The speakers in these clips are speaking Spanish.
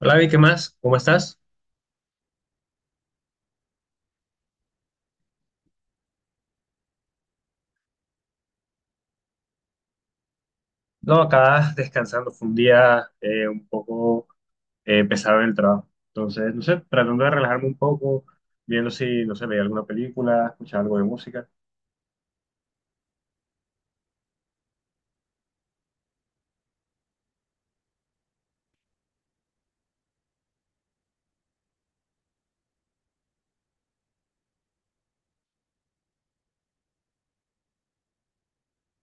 Hola, Vi, ¿qué más? ¿Cómo estás? No, acá descansando. Fue un día un poco pesado en el trabajo. Entonces, no sé, tratando de relajarme un poco, viendo si, no sé, veía alguna película, escuchaba algo de música.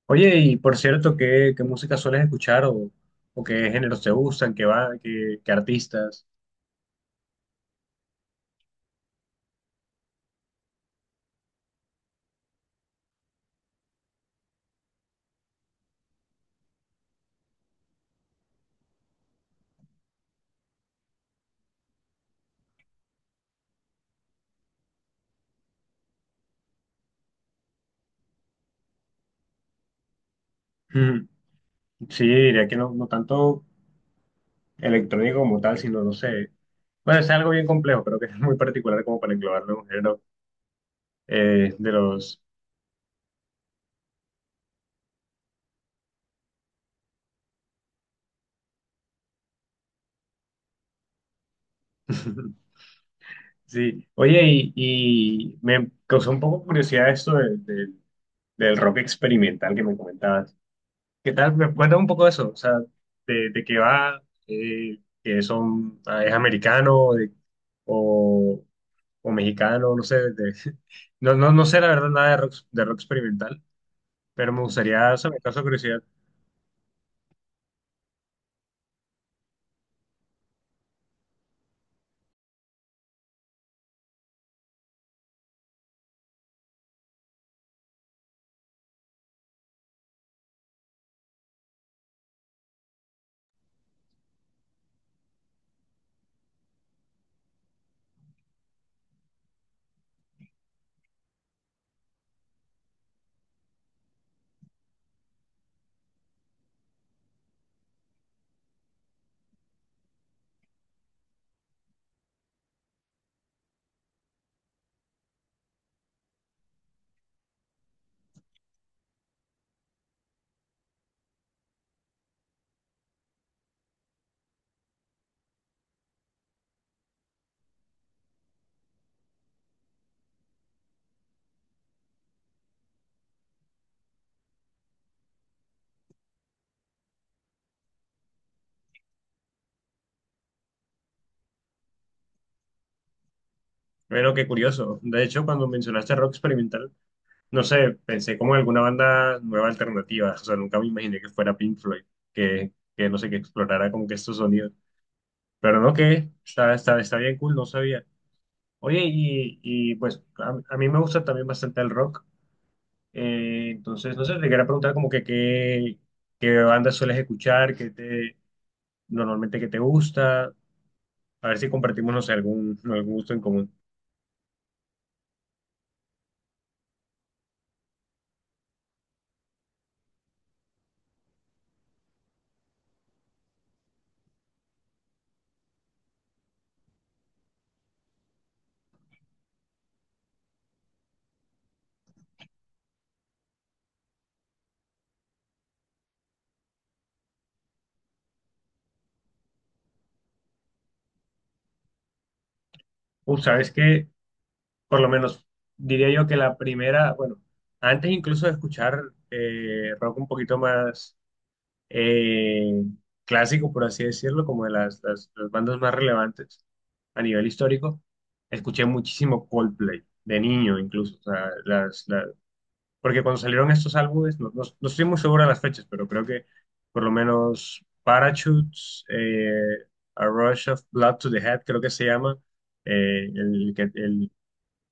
Oye, y por cierto, ¿qué música sueles escuchar o qué géneros te gustan, qué va, qué artistas? Ujú. Sí, diría que no, no tanto electrónico como tal, sino, no sé. Bueno, es algo bien complejo, pero que es muy particular como para englobarlo en un género de los... Sí, oye, y me causó un poco curiosidad esto del rock experimental que me comentabas. ¿Qué tal? Me cuenta un poco de eso, o sea, de qué va, que son, ah, ¿es americano de- o, o mexicano? No sé, de- no, no, no sé la verdad nada de rock, de rock experimental, pero me gustaría, o sea, me causa curiosidad. Bueno, qué curioso. De hecho, cuando mencionaste rock experimental, no sé, pensé como en alguna banda nueva alternativa, o sea, nunca me imaginé que fuera Pink Floyd, que no sé, que explorara como que estos sonidos. Pero no, que está bien cool, no sabía. Oye, y pues a mí me gusta también bastante el rock, entonces, no sé, te quería preguntar como que qué, qué bandas sueles escuchar, qué te, normalmente qué te gusta, a ver si compartimos, no sé, algún, algún gusto en común. ¿Sabes qué? Por lo menos diría yo que la primera, bueno, antes incluso de escuchar rock un poquito más eh, clásico, por así decirlo, como de las bandas más relevantes a nivel histórico, escuché muchísimo Coldplay, de niño incluso, o sea, porque cuando salieron estos álbumes, no estoy muy seguro de las fechas, pero creo que por lo menos Parachutes, A Rush of Blood to the Head, creo que se llama, eh, el, que- el,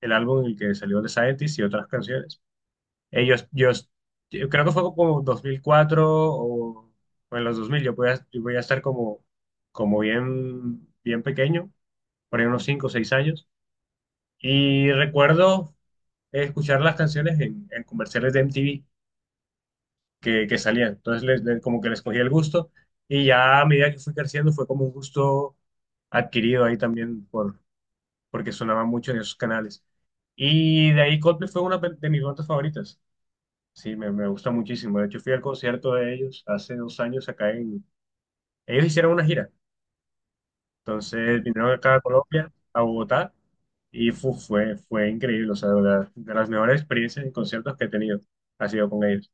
el álbum en el que salió The Scientist y otras canciones. Ellos, yo creo que fue como 2004 o en los dos mil. Yo voy a, yo voy a estar como, como bien, bien pequeño, por ahí unos 5 o seis años. Y recuerdo escuchar las canciones en comerciales de MTV que salían. Entonces, como que les cogí el gusto. Y ya a medida que fui creciendo, fue como un gusto adquirido ahí también por, porque sonaba mucho en esos canales. Y de ahí Coldplay fue una de mis bandas favoritas. Sí, me gusta muchísimo. De hecho, fui al concierto de ellos hace dos años acá en... Ellos hicieron una gira. Entonces vinieron acá a Colombia, a Bogotá, y fue increíble. O sea, de verdad, de las mejores experiencias y conciertos que he tenido ha sido con ellos.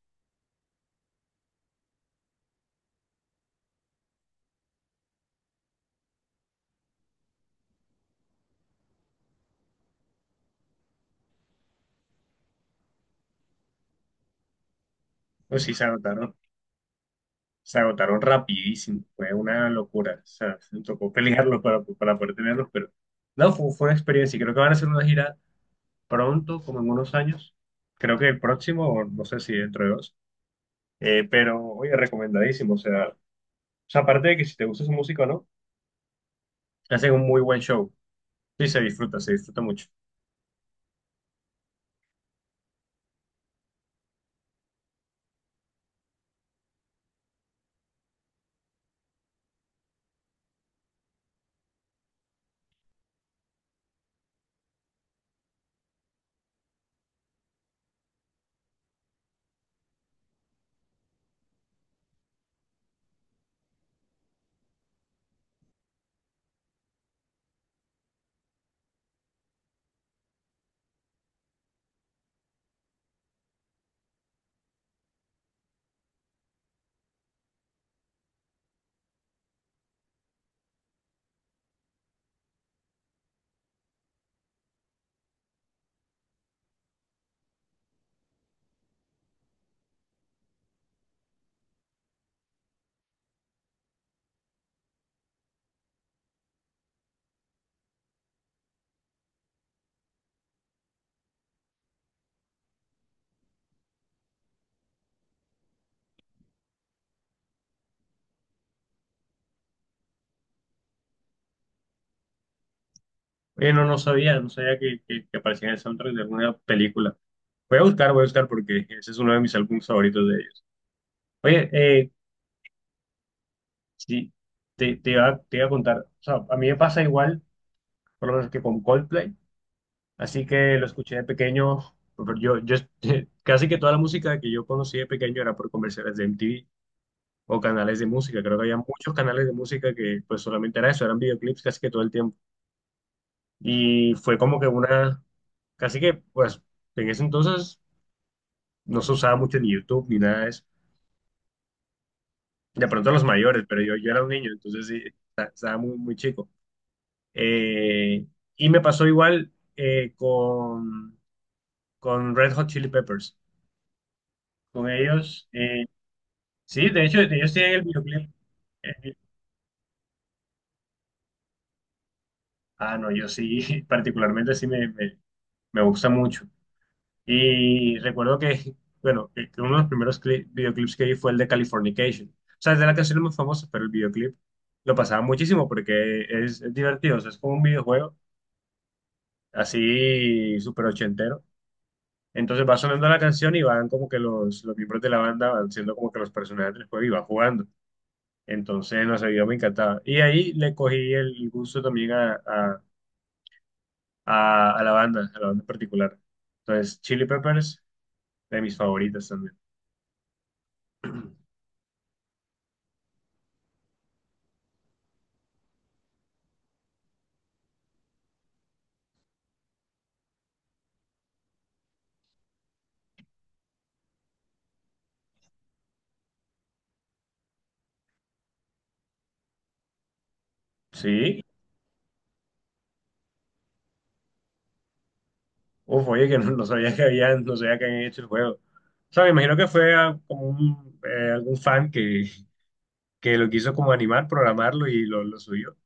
Pues sí, se agotaron rapidísimo. Fue una locura. O sea, me tocó pelearlos para poder tenerlos, pero no, fue, fue una experiencia. Y creo que van a hacer una gira pronto, como en unos años. Creo que el próximo, o no sé si dentro de dos. Pero, oye, recomendadísimo. O sea, aparte de que si te gusta su música o no, hacen un muy buen show. Sí, se disfruta mucho. Oye, no, no sabía que, que aparecía en el soundtrack de alguna película. Voy a buscar porque ese es uno de mis álbumes favoritos de ellos. Oye, sí, te iba a contar, o sea, a mí me pasa igual, por lo menos que con Coldplay, así que lo escuché de pequeño, pero yo casi que toda la música que yo conocí de pequeño era por comerciales de MTV o canales de música, creo que había muchos canales de música que pues solamente era eso, eran videoclips casi que todo el tiempo. Y fue como que una, casi que, pues, en ese entonces no se usaba mucho ni YouTube ni nada de eso. De pronto los mayores, pero yo era un niño, entonces sí, estaba muy, muy chico. Eh, y me pasó igual con Red Hot Chili Peppers. Con ellos, sí, de hecho, ellos tienen el videoclip. Eh, ah, no, yo sí, particularmente me gusta mucho. Y recuerdo que, bueno, que uno de los primeros videoclips que vi fue el de Californication. O sea, es de la canción más famosa, pero el videoclip lo pasaba muchísimo porque es divertido. O sea, es como un videojuego así súper ochentero. Entonces va sonando la canción y van como que los miembros de la banda van siendo como que los personajes del juego y van jugando. Entonces, no sé, yo me encantaba. Y ahí le cogí el gusto también a la banda en particular. Entonces, Chili Peppers, de mis favoritas también. Sí, uf, oye, que no, no sabía que habían, no sabía que habían hecho el juego. O sea, me imagino que fue como un, algún fan que lo quiso como animar, programarlo y lo subió.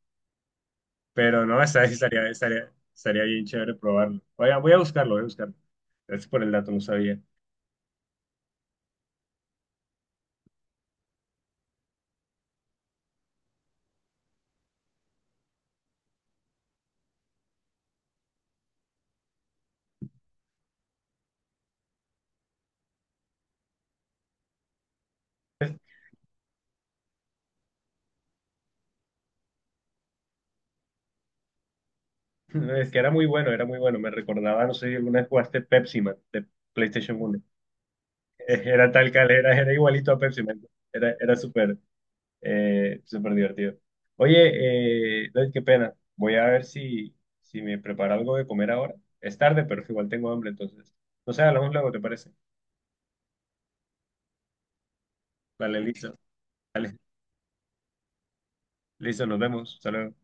Pero no, estaría bien chévere probarlo. Voy a, voy a buscarlo, voy a buscarlo. Gracias por el dato, no sabía. Es que era muy bueno, era muy bueno. Me recordaba, no sé si alguna vez jugaste Pepsi Man de PlayStation uno. Era tal cal, era igualito a Pepsi Man. Era súper divertido. Oye, David, qué pena. Voy a ver si, si me preparo algo de comer ahora. Es tarde, pero igual tengo hambre, entonces. No sé, hablamos luego, ¿te parece? Vale, listo. Vale, listo, nos vemos. Hasta luego.